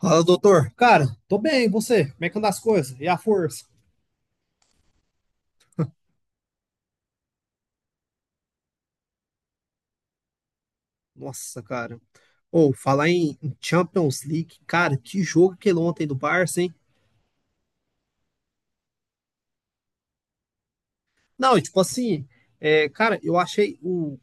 Fala, doutor. Cara, tô bem, e você? Como é que andam as coisas? E a força? Nossa, cara. Ou falar em Champions League, cara, que jogo aquele ontem do Barça, hein? Não, e tipo assim, cara, eu achei o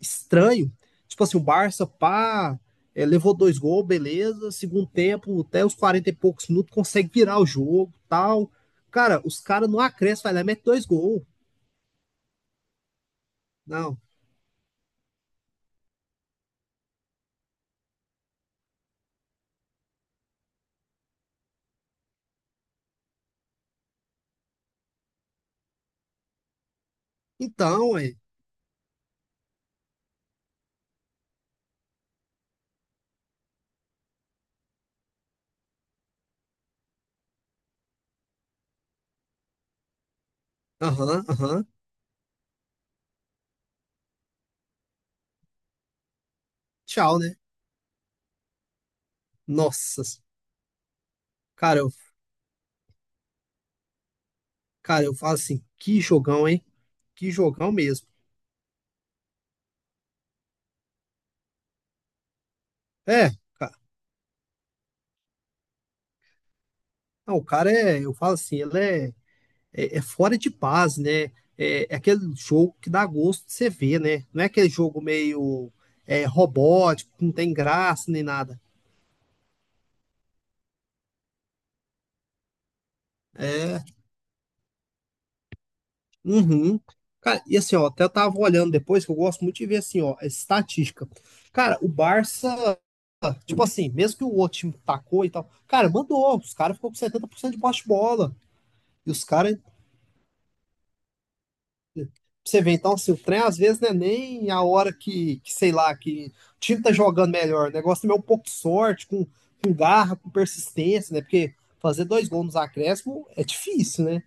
estranho. Tipo assim, o Barça, pá, levou dois gols, beleza. Segundo tempo, até os 40 e poucos minutos, consegue virar o jogo, tal. Cara, os caras não acrescem, vai lá, e mete dois gols. Não. Então, é. Aham, aham. Tchau, né? Nossa. Cara, Cara, eu falo assim, que jogão, hein? Que jogão mesmo. É, cara, não, o cara é, eu falo assim, ele é, é fora de paz, né? É, é aquele jogo que dá gosto de você ver, né? Não é aquele jogo meio robótico, que não tem graça nem nada. É, uhum. Cara, e assim, ó, até eu tava olhando depois, que eu gosto muito de ver assim, ó, estatística. Cara, o Barça, tipo assim, mesmo que o outro time tacou e tal, cara, mandou, os caras ficou com 70% de posse de bola. E os caras você vê, então, se o trem às vezes não é nem a hora que sei lá, que o time tá jogando melhor. O negócio também é um pouco de sorte, com garra, com persistência, né? Porque fazer dois gols nos acréscimos é difícil, né?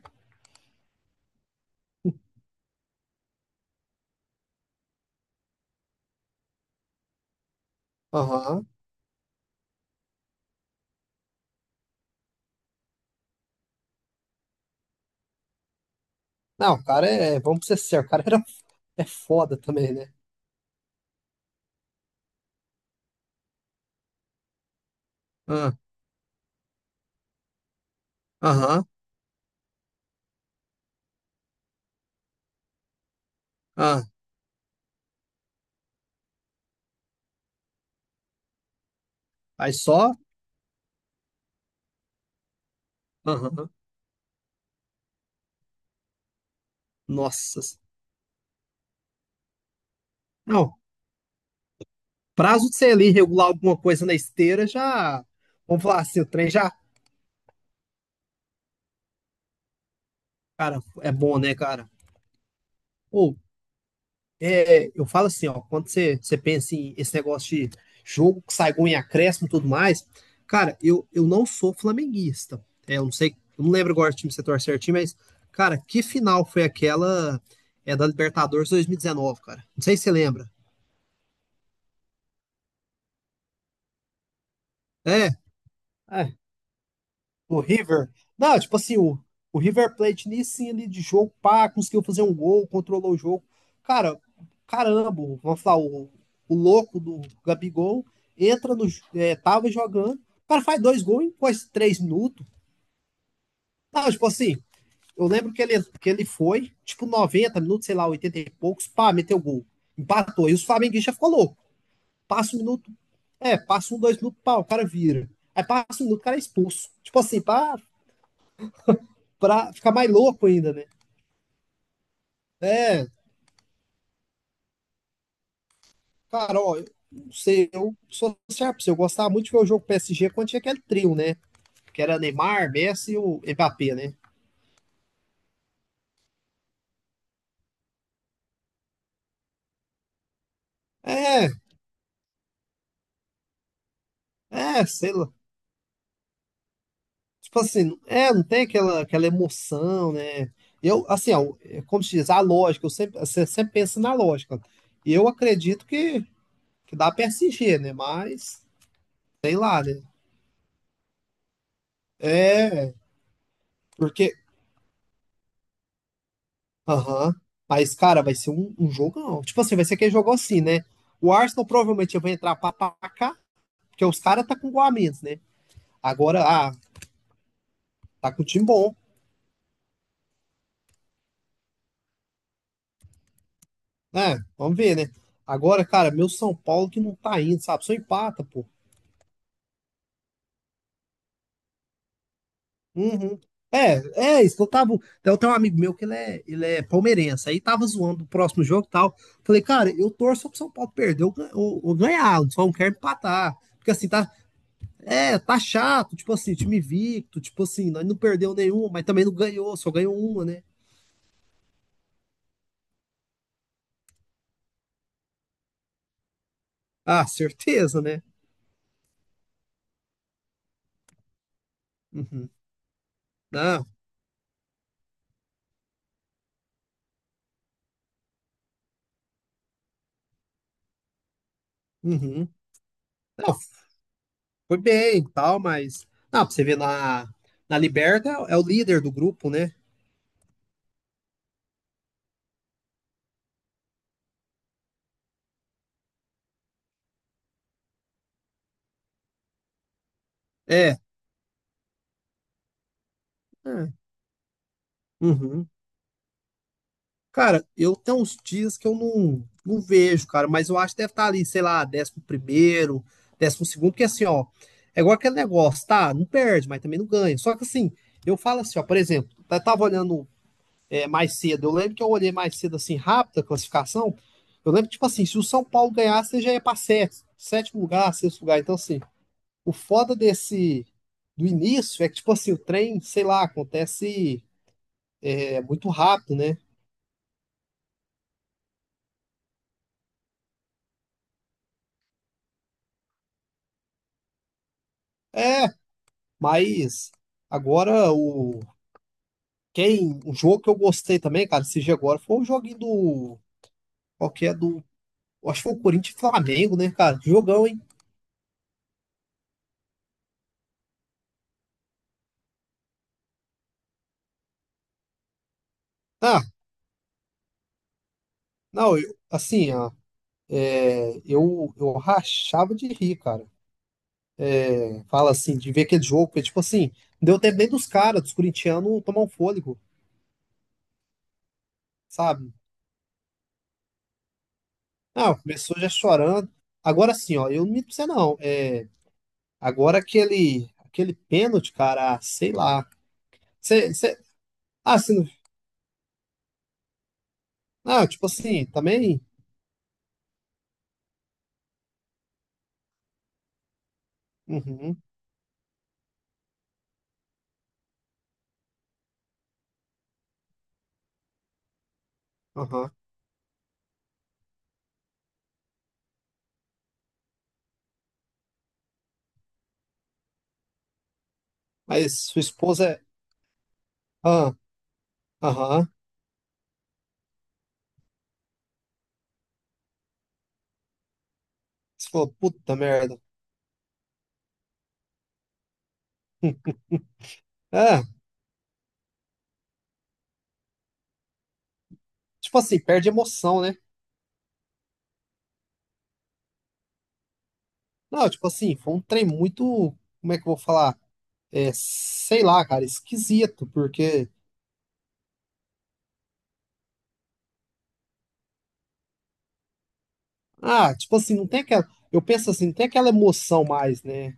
Aham. Não, o cara é, vamos ser sérios, o cara era, é foda também, né? Ah, aham, ah, aí só, aham, nossa. Não, prazo de você ali regular alguma coisa na esteira já, vamos falar assim, o trem já, cara, é bom, né, cara? Pô, é, eu falo assim, ó, quando você, você pensa em esse negócio de jogo que sai gol em acréscimo e tudo mais, cara, eu não sou flamenguista. É, eu não sei, eu não lembro agora o time que você torce certinho, mas, cara, que final foi aquela da Libertadores 2019, cara? Não sei se você lembra. É, é, o River. Não, tipo assim, o River Plate nisso sim, ali de jogo, pá, conseguiu fazer um gol, controlou o jogo. Cara, caramba, vamos falar, o louco do Gabigol entra no. É, tava jogando, o cara faz dois gols em quase três minutos. Não, tipo assim, eu lembro que ele foi, tipo, 90 minutos, sei lá, 80 e poucos, pá, meteu gol. Empatou. E os flamenguistas ficou louco. Passa um minuto, é, passa um, dois minutos, pá, o cara vira. Aí passa um minuto, o cara é expulso. Tipo assim, pá, pra ficar mais louco ainda, né? É, cara, ó, eu não sei, eu sou sincero pra você, eu gostava muito de ver o jogo PSG quando tinha aquele trio, né? Que era Neymar, Messi e o Mbappé, né? É, é, sei lá. Tipo assim, é, não tem aquela, aquela emoção, né? Eu, assim, ó, é como se diz, a lógica, eu sempre, você sempre pensa na lógica. E eu acredito que dá PSG, né? Mas, sei lá, né? É, porque aham. Mas, cara, vai ser um, um jogão. Tipo assim, vai ser aquele jogo assim, né? O Arsenal provavelmente vai entrar pra cá, porque os caras tá com gol a menos, né? Agora, ah, tá com um time bom. Né? Vamos ver, né? Agora, cara, meu São Paulo que não tá indo, sabe? Só empata, pô. Uhum. É, é isso que eu tava. Então, tem um amigo meu que ele é palmeirense. Aí tava zoando o próximo jogo e tal. Falei, cara, eu torço pro São Paulo perder ou, gan- ou ganhar, eu só não quero empatar. Porque assim, tá, é, tá chato, tipo assim, time invicto, tipo assim, não, não perdeu nenhum, mas também não ganhou, só ganhou uma, né? Ah, certeza, né? Uhum. Não, uhum. Não, foi bem e tal, mas. Ah, pra você ver na, na Liberta é o líder do grupo, né? É. É. Uhum. Cara, eu tenho uns dias que eu não, não vejo, cara, mas eu acho que deve estar ali, sei lá, décimo primeiro, décimo segundo, porque assim, ó, é igual aquele negócio, tá? Não perde, mas também não ganha. Só que assim, eu falo assim, ó, por exemplo, eu tava olhando mais cedo. Eu lembro que eu olhei mais cedo, assim, rápido a classificação. Eu lembro, tipo assim, se o São Paulo ganhasse, ele já ia para sexto, sétimo lugar, sexto lugar. Então, assim, o foda desse do início é que, tipo assim, o trem, sei lá, acontece muito rápido, né? É, mas agora o. Quem, um jogo que eu gostei também, cara, esse dia agora, foi o joguinho do. Qual que é do. Acho que foi o Corinthians e Flamengo, né, cara? Jogão, hein? Ah, não, eu, assim, ó, eu rachava de rir, cara. Fala assim, de ver aquele jogo, porque, tipo assim, não deu tempo nem dos caras, dos corintianos, tomar um fôlego, sabe? Não, começou já chorando. Agora sim, ó, eu não minto pra você não. É, agora aquele, aquele pênalti, cara, ah, sei lá. Você, ah, você não, ah, tipo assim, também. Uhum, aham. Mas sua esposa é. Ah, aham. Você falou, puta merda. É, tipo assim, perde emoção, né? Não, tipo assim, foi um trem muito. Como é que eu vou falar? É, sei lá, cara, esquisito, porque. Ah, tipo assim, não tem aquela. Eu penso assim, não tem aquela emoção mais, né?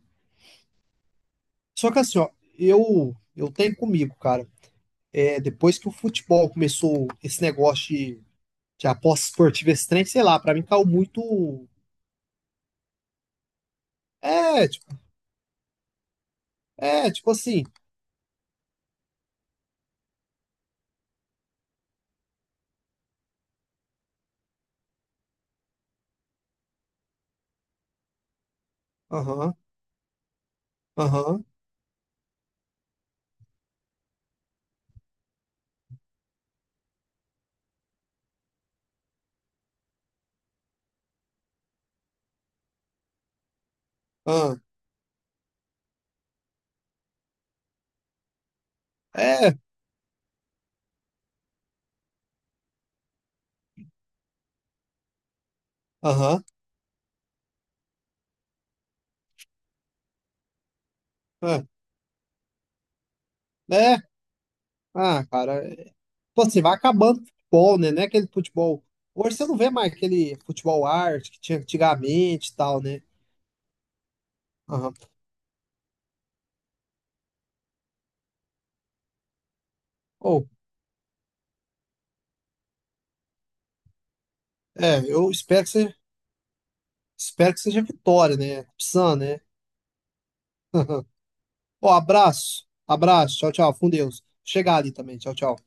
Só que assim, ó, eu tenho comigo, cara. É, depois que o futebol começou esse negócio de aposta esportiva, esse trem, sei lá, pra mim caiu muito. É, tipo, é, tipo assim. Aham, aham, aham, é, aham, ah, é. Ah, cara. É, tipo assim, vai acabando o futebol, né? Não é aquele futebol. Hoje você não vê mais aquele futebol arte que tinha antigamente e tal, né? Aham. Ou, é, eu espero que seja. Espero que seja vitória, né? Psan, né? Ó, abraço. Abraço. Tchau, tchau. Com Deus. Chegar ali também. Tchau, tchau.